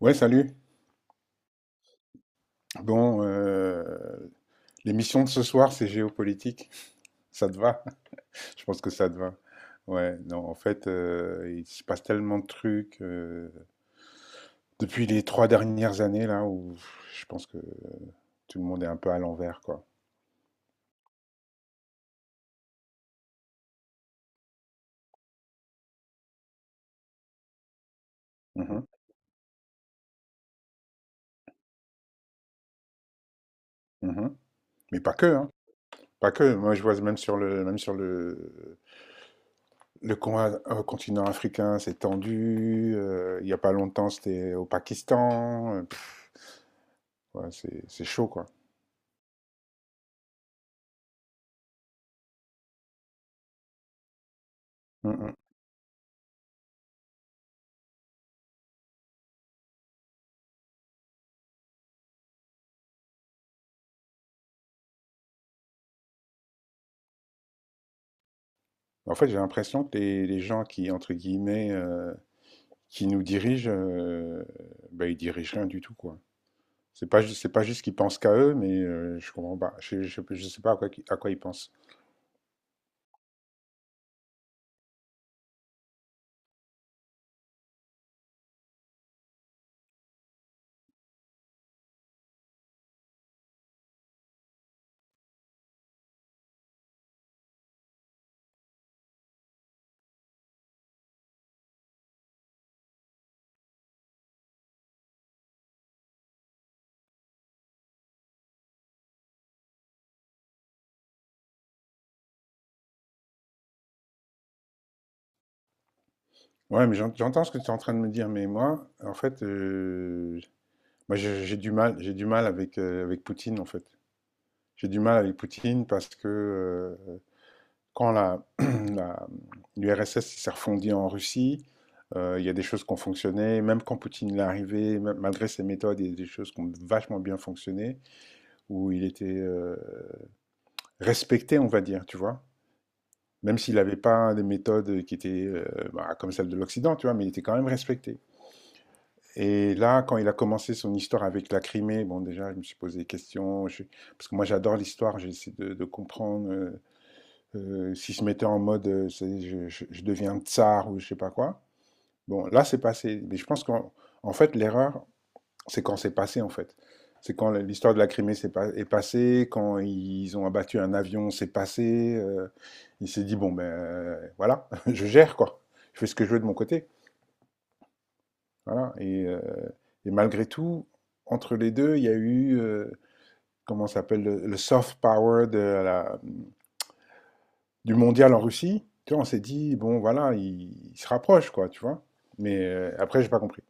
Ouais, salut. Bon, l'émission de ce soir, c'est géopolitique. Ça te va? Je pense que ça te va. Ouais, non, en fait, il se passe tellement de trucs depuis les 3 dernières années, là, où je pense que tout le monde est un peu à l'envers, quoi. Mhm, mhm. Mais pas que, hein. Pas que. Moi, je vois même sur le con- continent africain, c'est tendu. Il y a pas longtemps, c'était au Pakistan. Ouais, c'est chaud, quoi. Mmh mh. En fait, j'ai l'impression que les gens qui, entre guillemets, qui nous dirigent, bah, ils dirigent rien du tout, quoi. C'est pas juste qu'ils pensent qu'à eux, mais je comprends pas. Je sais pas à quoi ils pensent. Ouais, mais j'entends ce que tu es en train de me dire, mais moi, en fait, moi, j'ai du mal avec Poutine, en fait. J'ai du mal avec Poutine parce que, euh, quand l'URSS s'est refondue en Russie. Il y a des choses qui ont fonctionné, même quand Poutine est arrivé, malgré ses méthodes. Il y a des choses qui ont vachement bien fonctionné, où il était respecté, on va dire, tu vois. Même s'il n'avait pas des méthodes qui étaient bah, comme celles de l'Occident, tu vois, mais il était quand même respecté. Et là, quand il a commencé son histoire avec la Crimée, bon, déjà, je me suis posé des questions, parce que moi, j'adore l'histoire, j'ai essayé de comprendre, s'ils se mettaient en mode, je deviens tsar ou je sais pas quoi. Bon, là, c'est passé. Mais je pense qu'en en fait, l'erreur, c'est quand c'est passé, en fait. C'est quand l'histoire de la Crimée s'est pas- est passée, quand ils ont abattu un avion, c'est passé. Il s'est dit, bon, ben voilà, je gère, quoi. Je fais ce que je veux de mon côté. Voilà. Et malgré tout, entre les deux, il y a eu, comment ça s'appelle, le soft power de du mondial en Russie, tu vois. On s'est dit, bon, voilà, il se rapproche, quoi, tu vois. Mais après, j'ai pas compris.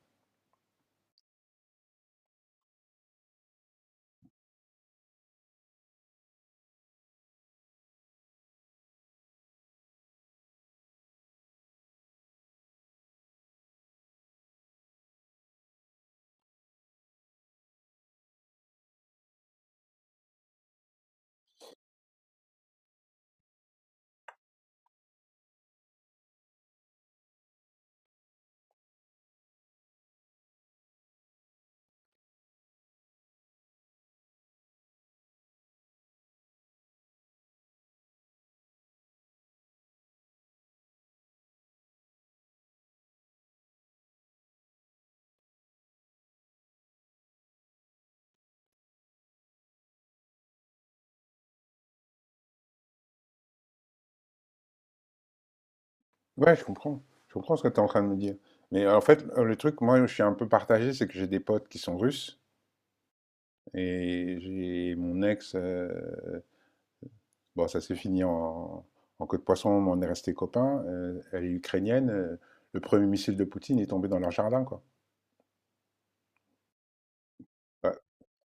Ouais, je comprends. Je comprends ce que tu es en train de me dire. Mais en fait, le truc, moi, je suis un peu partagé, c'est que j'ai des potes qui sont russes et j'ai mon ex. Bon, ça s'est fini en queue de poisson, mais on est resté copains. Elle est ukrainienne. Le premier missile de Poutine est tombé dans leur jardin, quoi. Bah,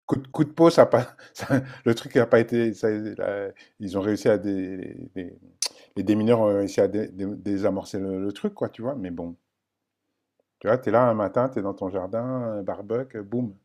coup de peau, ça a pas, le truc n'a pas été. Ça- la- ils ont réussi à des. Les démineurs ont réussi à désamorcer le truc, quoi, tu vois. Mais bon, tu vois, t'es là un matin, t'es dans ton jardin, barbecue, boum.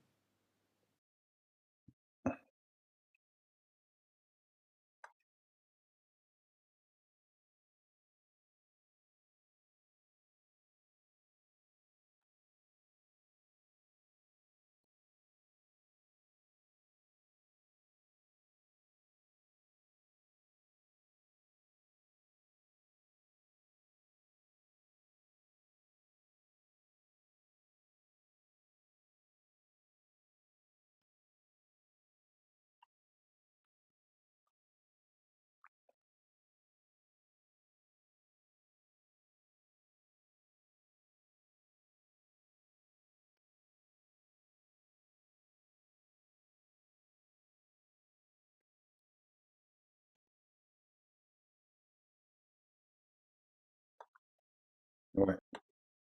Ouais.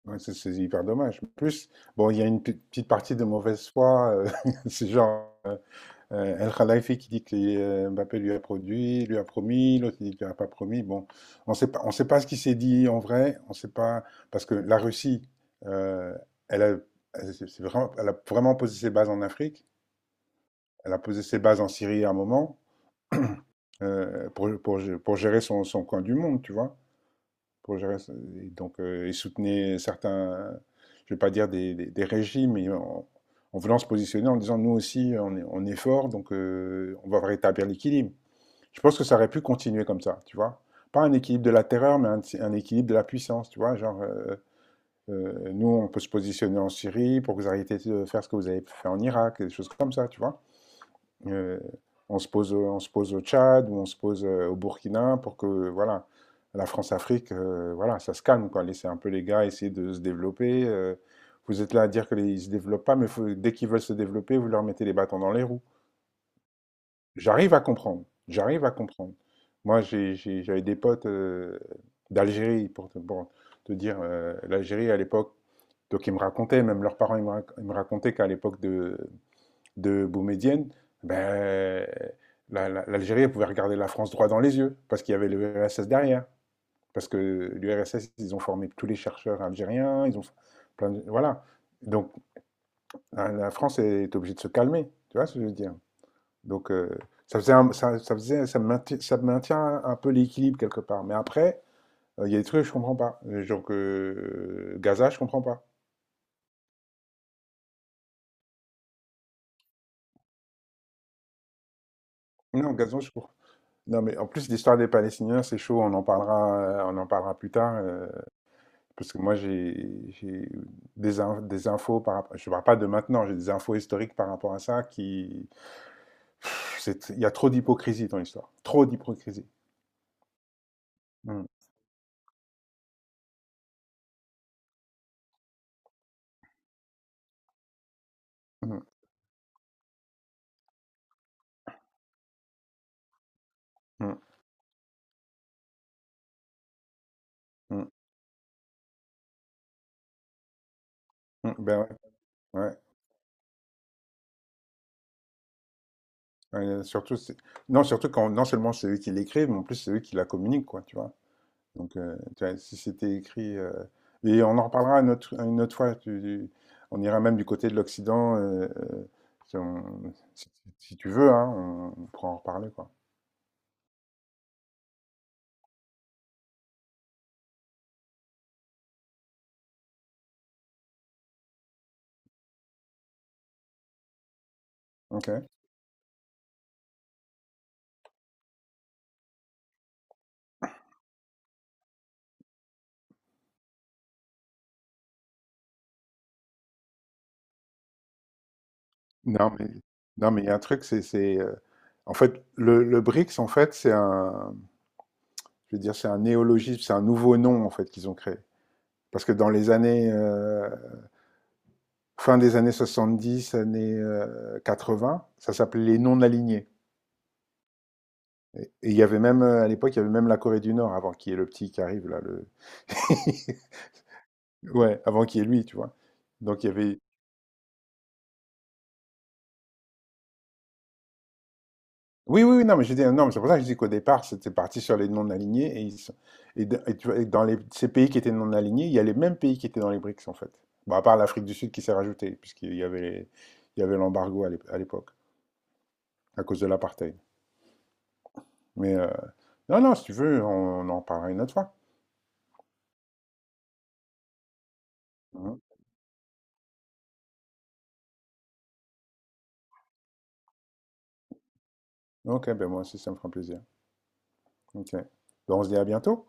Ouais, c'est hyper dommage. En plus, bon, il y a une petite partie de mauvaise foi. C'est genre, El Khalifi qui dit que Mbappé lui a produit, lui a promis, l'autre il dit qu'il lui a pas promis. Bon, on sait pas, ce qui s'est dit en vrai. On sait pas parce que la Russie, euh, elle a, elle a vraiment posé ses bases en Afrique. Elle a posé ses bases en Syrie à un moment. Pour gérer son coin du monde, tu vois. Pour gérer, et donc, il soutenait certains, je ne vais pas dire des régimes, mais en voulant se positionner en disant nous aussi, on est, fort, donc on va rétablir l'équilibre. Je pense que ça aurait pu continuer comme ça, tu vois. Pas un équilibre de la terreur, mais un équilibre de la puissance, tu vois. Genre, nous, on peut se positionner en Syrie pour que vous arrêtiez de faire ce que vous avez fait en Irak, des choses comme ça, tu vois. Euh, on se pose au Tchad ou on se pose au Burkina pour que, voilà, la France-Afrique, voilà, ça se calme, quoi. Laissez un peu les gars essayer de se développer. Vous êtes là à dire qu'ils ne se développent pas, mais dès qu'ils veulent se développer, vous leur mettez les bâtons dans les roues. J'arrive à comprendre. J'arrive à comprendre. Moi, j'avais des potes, d'Algérie, pour te, dire, l'Algérie à l'époque, donc ils me racontaient, même leurs parents, ils me racontaient qu'à l'époque de Boumedienne, ben, l'Algérie pouvait regarder la France droit dans les yeux, parce qu'il y avait l'URSS derrière. Parce que l'URSS, ils ont formé tous les chercheurs algériens, ils ont plein Voilà. Donc, France est obligée de se calmer, tu vois ce que je veux dire. Donc, ça, faisait un- ça faisait, ça maintient un peu l'équilibre quelque part. Mais après, il y a des trucs que je ne comprends pas. Genre que, Gaza, je ne comprends pas. Non, Gaza, je comprends. Non, mais en plus, l'histoire des Palestiniens, c'est chaud, on en parlera plus tard. Parce que moi, j'ai des infos par rapport. Je ne parle pas de maintenant, j'ai des infos historiques par rapport à ça qui. Il y a trop d'hypocrisie dans l'histoire. Trop d'hypocrisie. Mm, mm, mm, mm, mm. Ben ouais, ouais. Euh, surtout, c'est- non, surtout quand non seulement c'est eux qui l'écrivent, mais en plus c'est eux qui la communiquent, quoi, tu vois. Donc, tu vois, si c'était écrit. Et on en reparlera une autre fois. On ira même du côté de l'Occident, si, on- si- si tu veux, hein, on pourra en reparler, quoi. Ok. Non, mais, non, mais il y a un truc, en fait, le BRICS, en fait, c'est un, je veux dire, c'est un néologisme, c'est un nouveau nom, en fait, qu'ils ont créé. Parce que dans les années, fin des années 70, années vingts, ça s'appelait les non-alignés. Et il y avait même, à l'époque, il y avait même la Corée du Nord, avant qu'il y ait le petit qui arrive, là, le. Ouais, avant qu'il y ait lui, tu vois. Donc, il y avait, oui, oui, oui, non, mais je dis, non, mais c'est pour ça que je dis qu'au départ, c'était parti sur les non-alignés. Et, ils sont- et d- et tu vois, et ces pays qui étaient non-alignés, il y a les mêmes pays qui étaient dans les BRICS, en fait. Bon, à part l'Afrique du Sud qui s'est rajoutée, puisqu'il y avait il y avait l'embargo à l'époque, à cause de l'apartheid. Mais non, non, si tu veux, on en parlera une autre fois. Mhm. Ok, ben moi aussi, ça me fera plaisir. Ok. Ben, on se dit à bientôt.